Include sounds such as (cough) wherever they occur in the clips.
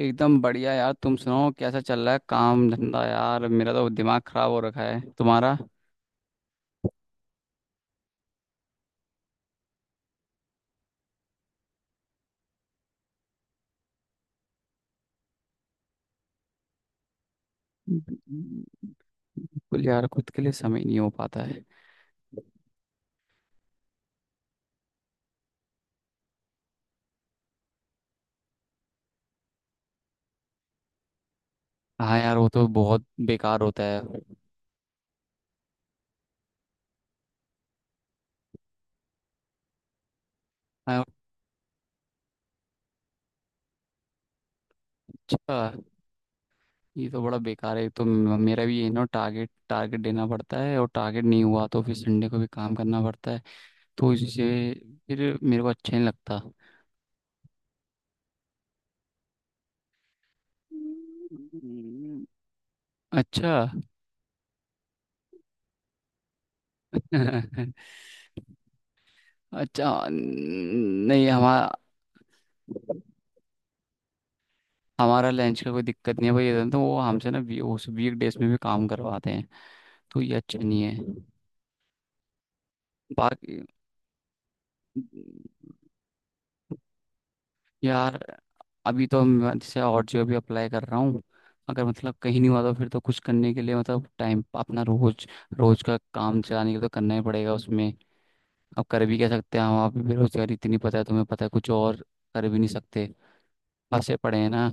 एकदम बढ़िया यार। तुम सुनाओ कैसा चल रहा है काम धंधा। यार मेरा तो दिमाग खराब हो रखा है तुम्हारा। बिल्कुल। यार खुद के लिए समय नहीं हो पाता है। हाँ यार वो तो बहुत बेकार होता है। हाँ, अच्छा। ये तो बड़ा बेकार है। तो मेरा भी ये ना टारगेट टारगेट देना पड़ता है और टारगेट नहीं हुआ तो फिर संडे को भी काम करना पड़ता है। तो इससे फिर मेरे को अच्छा नहीं लगता। हम्म, अच्छा। (laughs) अच्छा नहीं हमारा। हमारा लंच का कोई दिक्कत नहीं है भाई। ये तो वो हमसे ना उस वीक डेज में भी काम करवाते हैं। तो ये अच्छा नहीं है। बाकी। यार अभी तो मैं जैसे और जो अभी अप्लाई कर रहा हूँ। अगर मतलब कहीं नहीं हुआ तो फिर तो कुछ करने के लिए मतलब टाइम अपना रोज रोज का काम चलाने के लिए तो करना ही पड़ेगा उसमें। अब कर भी क्या सकते हैं हम। आप भी बेरोजगारी इतनी, पता है तुम्हें, पता है कुछ और कर भी नहीं सकते। फंसे पड़े हैं ना।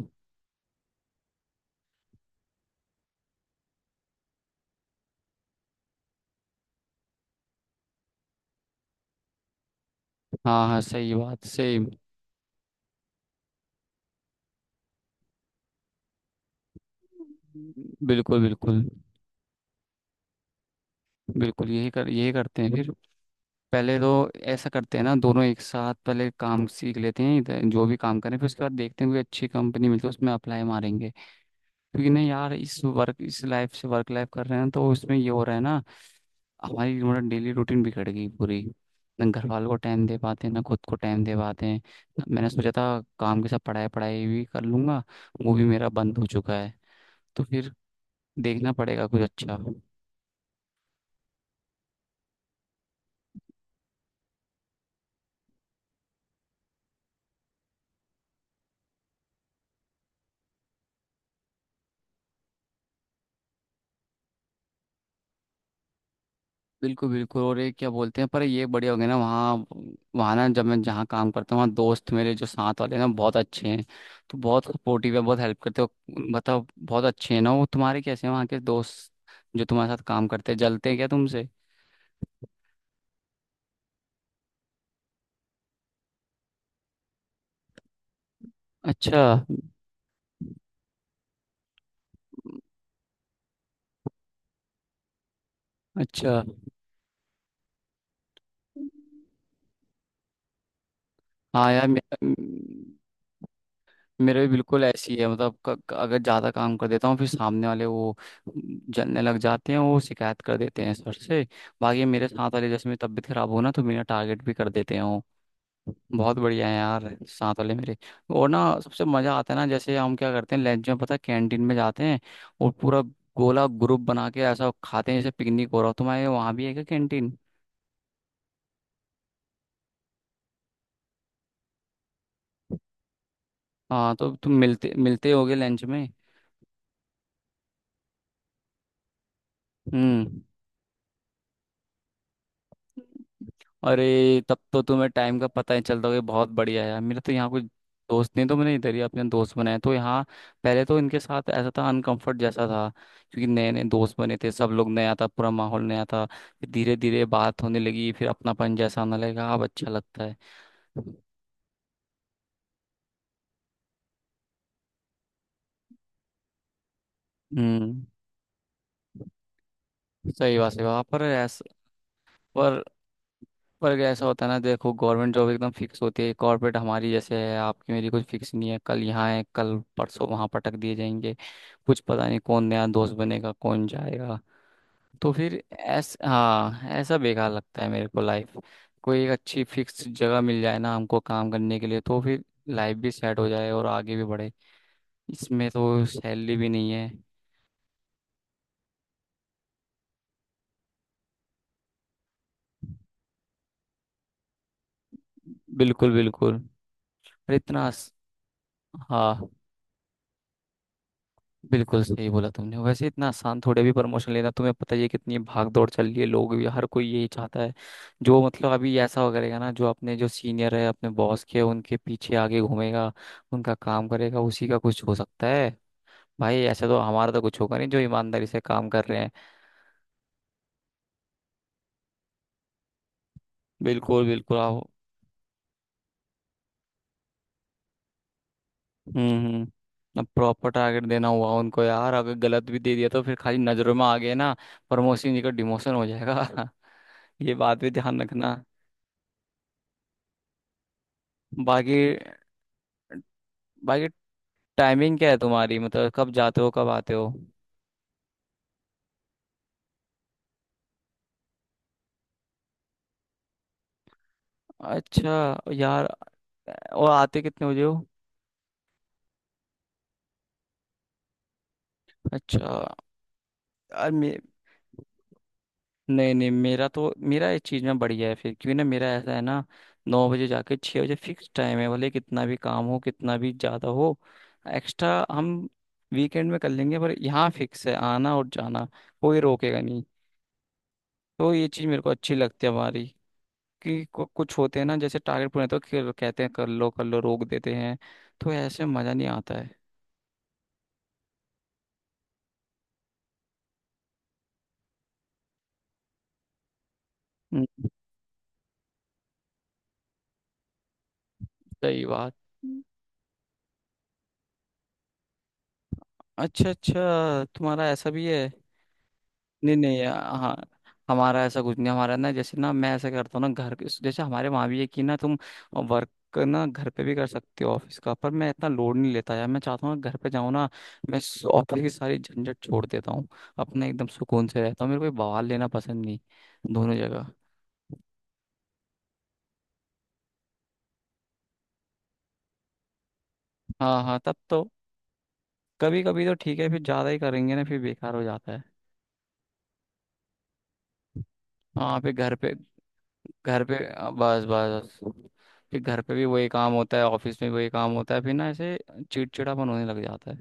हाँ हाँ सही बात सही। बिल्कुल बिल्कुल। बिल्कुल यही कर यही करते हैं फिर। पहले तो ऐसा करते हैं ना, दोनों एक साथ पहले काम सीख लेते हैं इधर जो भी काम करें, फिर उसके बाद देखते हैं कोई अच्छी कंपनी मिलती है उसमें अप्लाई मारेंगे। क्योंकि नहीं यार इस वर्क इस लाइफ से वर्क लाइफ कर रहे हैं तो उसमें ये हो रहा है ना। हमारी मतलब डेली रूटीन बिगड़ गई पूरी। ना घर वालों को टाइम दे पाते हैं ना खुद को टाइम दे पाते हैं। मैंने सोचा था काम के साथ पढ़ाई पढ़ाई भी कर लूंगा। वो भी मेरा बंद हो चुका है। तो फिर देखना पड़ेगा कुछ अच्छा। बिल्कुल बिल्कुल। और ये क्या बोलते हैं, पर ये बढ़िया हो गया ना वहाँ। वहाँ ना जब मैं जहाँ काम करता हूँ वहाँ दोस्त मेरे जो साथ वाले हैं ना बहुत अच्छे हैं। तो बहुत सपोर्टिव है बहुत हेल्प करते हो। मतलब बहुत अच्छे हैं ना। वो तुम्हारे कैसे हैं वहाँ के दोस्त जो तुम्हारे साथ काम करते हैं? जलते हैं क्या तुमसे? अच्छा अच्छा। हाँ यार मेरे भी बिल्कुल ऐसी है मतलब क, क- अगर ज़्यादा काम कर देता हूँ फिर सामने वाले वो जलने लग जाते हैं वो शिकायत कर देते हैं सर से। बाकी मेरे साथ वाले जैसे मेरी तबीयत खराब हो ना तो मेरा टारगेट भी कर देते हैं वो। बहुत बढ़िया है यार साथ वाले मेरे। और ना सबसे मज़ा आता है ना जैसे हम क्या करते हैं लंच में पता है कैंटीन में जाते हैं। और पूरा गोला ग्रुप बना के ऐसा खाते हैं जैसे पिकनिक हो रहा हो। तुम्हारे वहाँ भी है क्या कैंटीन? हाँ तो तुम मिलते मिलते होगे लंच में। हम्म। अरे तब तो तुम्हें टाइम का पता ही चलता होगा। ये बहुत बढ़िया है। मेरे तो यहाँ कुछ दोस्त नहीं तो मैंने इधर ही अपने दोस्त बनाए तो यहाँ। पहले तो इनके साथ ऐसा था अनकंफर्ट जैसा था। क्योंकि नए नए दोस्त बने थे सब लोग नया था पूरा माहौल नया था फिर धीरे धीरे बात होने लगी फिर अपनापन जैसा आने लगा अब अच्छा लगता है। हम्म सही बात है वहाँ पर ऐसा। पर पर ऐसा होता है ना देखो गवर्नमेंट जॉब एकदम फिक्स होती है। कॉर्पोरेट हमारी जैसे है आपकी मेरी कुछ फिक्स नहीं है। कल यहाँ है कल परसों वहाँ पटक दिए जाएंगे। कुछ पता नहीं कौन नया दोस्त बनेगा कौन जाएगा। तो फिर ऐस हाँ ऐसा बेकार लगता है मेरे को लाइफ। कोई एक अच्छी फिक्स जगह मिल जाए ना हमको काम करने के लिए तो फिर लाइफ भी सेट हो जाए और आगे भी बढ़े। इसमें तो सैलरी भी नहीं है। बिल्कुल बिल्कुल। पर इतना। हाँ बिल्कुल सही बोला तुमने। वैसे इतना आसान थोड़े भी प्रमोशन लेना, तुम्हें पता ही है कितनी भाग दौड़ चल रही है। लोग भी हर कोई यही चाहता है। जो मतलब अभी ऐसा हो करेगा ना, जो अपने जो सीनियर है अपने बॉस के उनके पीछे आगे घूमेगा उनका काम करेगा उसी का कुछ हो सकता है। भाई ऐसे तो हमारा तो कुछ होगा नहीं जो ईमानदारी से काम कर रहे हैं। बिल्कुल बिल्कुल। आओ। हम्म। अब प्रॉपर टारगेट देना हुआ उनको यार अगर गलत भी दे दिया तो फिर खाली नजरों में आ गए ना। प्रमोशन जी का डिमोशन हो जाएगा। (laughs) ये बात भी ध्यान रखना। बाकी बाकी टाइमिंग क्या है तुम्हारी मतलब कब जाते हो कब आते हो? अच्छा यार। और आते कितने बजे हो? अच्छा यार। नहीं नहीं मेरा तो मेरा इस चीज़ में बढ़िया है। फिर क्यों ना मेरा ऐसा है ना 9 बजे जाके 6 बजे फिक्स टाइम है भले कितना भी काम हो कितना भी ज़्यादा हो एक्स्ट्रा हम वीकेंड में कर लेंगे। पर यहाँ फिक्स है आना और जाना। कोई रोकेगा नहीं। तो ये चीज़ मेरे को अच्छी लगती है हमारी। कि कुछ होते हैं ना जैसे टारगेट पूरे तो कहते हैं कर लो रोक देते हैं। तो ऐसे मजा नहीं आता है। हम्म, सही बात। अच्छा अच्छा तुम्हारा ऐसा भी है? नहीं नहीं हाँ। हमारा ऐसा कुछ नहीं। हमारा ना जैसे ना मैं ऐसा करता हूँ ना जैसे हमारे वहाँ भी है कि ना तुम वर्क ना घर पे भी कर सकते हो ऑफिस का। पर मैं इतना लोड नहीं लेता यार। मैं चाहता हूँ घर पे जाऊँ ना। मैं ऑफिस की सारी झंझट छोड़ देता हूँ। अपना एकदम सुकून से रहता हूँ। मेरे को कोई बवाल लेना पसंद नहीं। दोनों जगह। हाँ हाँ तब तो। कभी कभी तो ठीक है फिर ज्यादा ही करेंगे ना फिर बेकार हो जाता है। हाँ फिर घर पे बस बस बस। फिर घर पे भी वही काम होता है ऑफिस में भी वही काम होता है फिर ना ऐसे चिड़चिड़ापन होने लग जाता है।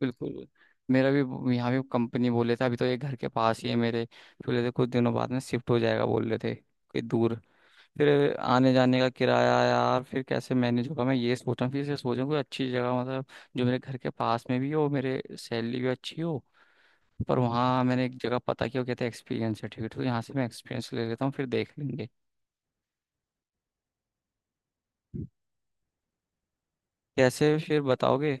बिल्कुल। मेरा भी यहाँ भी कंपनी बोले थे अभी तो ये घर के पास ही है मेरे। फिर बोले थे कुछ दिनों बाद में शिफ्ट हो जाएगा बोल रहे थे कहीं दूर। फिर आने जाने का किराया यार फिर कैसे मैनेज होगा। मैं ये सोच रहा हूँ फिर से सोच रहा हूँ कोई अच्छी जगह मतलब जो मेरे घर के पास में भी हो मेरे सैलरी भी अच्छी हो। पर वहाँ मैंने एक जगह पता किया वो कहते हैं एक्सपीरियंस सर्टिफिकेट। तो यहाँ से मैं एक्सपीरियंस ले लेता हूँ फिर देख लेंगे। कैसे फिर बताओगे?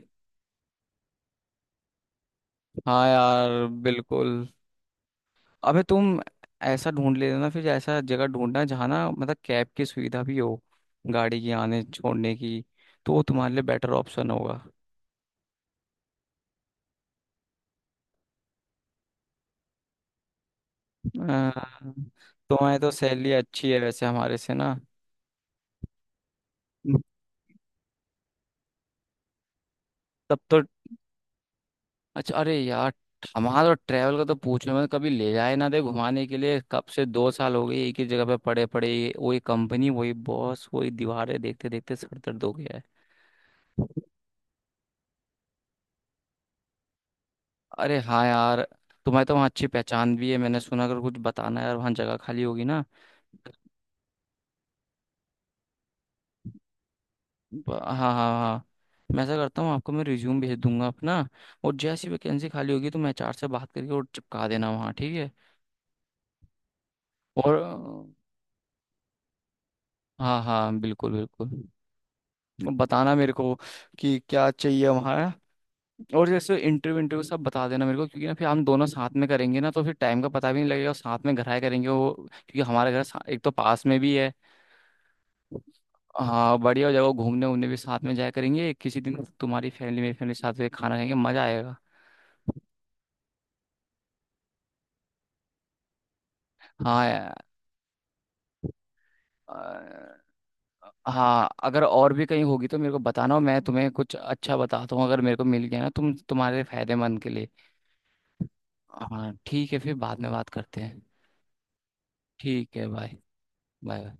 हाँ यार बिल्कुल। अबे तुम ऐसा ढूंढ ले लेना फिर। ऐसा जगह ढूंढना जहाँ ना मतलब कैब की सुविधा भी हो गाड़ी की आने छोड़ने की। तो वो तुम्हारे लिए बेटर ऑप्शन होगा। अ, तुम्हारी तो सैलरी अच्छी है वैसे हमारे से ना। तब तो अच्छा। अरे यार हमारा तो ट्रैवल का तो पूछो। मैं कभी ले जाए ना दे घुमाने के लिए। कब से 2 साल हो गए एक ही जगह पे पड़े पड़े वही कंपनी वही बॉस वही दीवारें देखते देखते सर दर्द हो गया है। अरे हाँ यार। तुम्हें तो वहाँ अच्छी पहचान भी है मैंने सुना। अगर कुछ बताना है यार वहाँ जगह खाली होगी ना। हाँ हाँ हाँ। मैं ऐसा करता हूँ आपको। मैं रिज्यूम भेज दूंगा अपना। और जैसी वैकेंसी खाली होगी तो मैं HR से बात करके और चिपका देना वहाँ ठीक है। और हाँ हाँ बिल्कुल बिल्कुल। बताना मेरे को कि क्या चाहिए हमारा। और जैसे इंटरव्यू इंटरव्यू सब बता देना मेरे को। क्योंकि ना फिर हम दोनों साथ में करेंगे ना तो फिर टाइम का पता भी नहीं लगेगा। और साथ में घर आए करेंगे वो क्योंकि हमारा एक तो पास में भी है। हाँ बढ़िया हो जाएगा। घूमने उमने भी साथ में जाया करेंगे किसी दिन। तुम्हारी फैमिली मेरी फैमिली साथ में खाना खाएंगे मजा आएगा। हाँ यार। अ, हाँ अगर और भी कहीं होगी तो मेरे को बताना। और मैं तुम्हें कुछ अच्छा बताता हूँ अगर मेरे को मिल गया ना तुम तुम्हारे फायदेमंद के लिए। हाँ ठीक है फिर बाद में बात करते हैं। ठीक है बाय माय।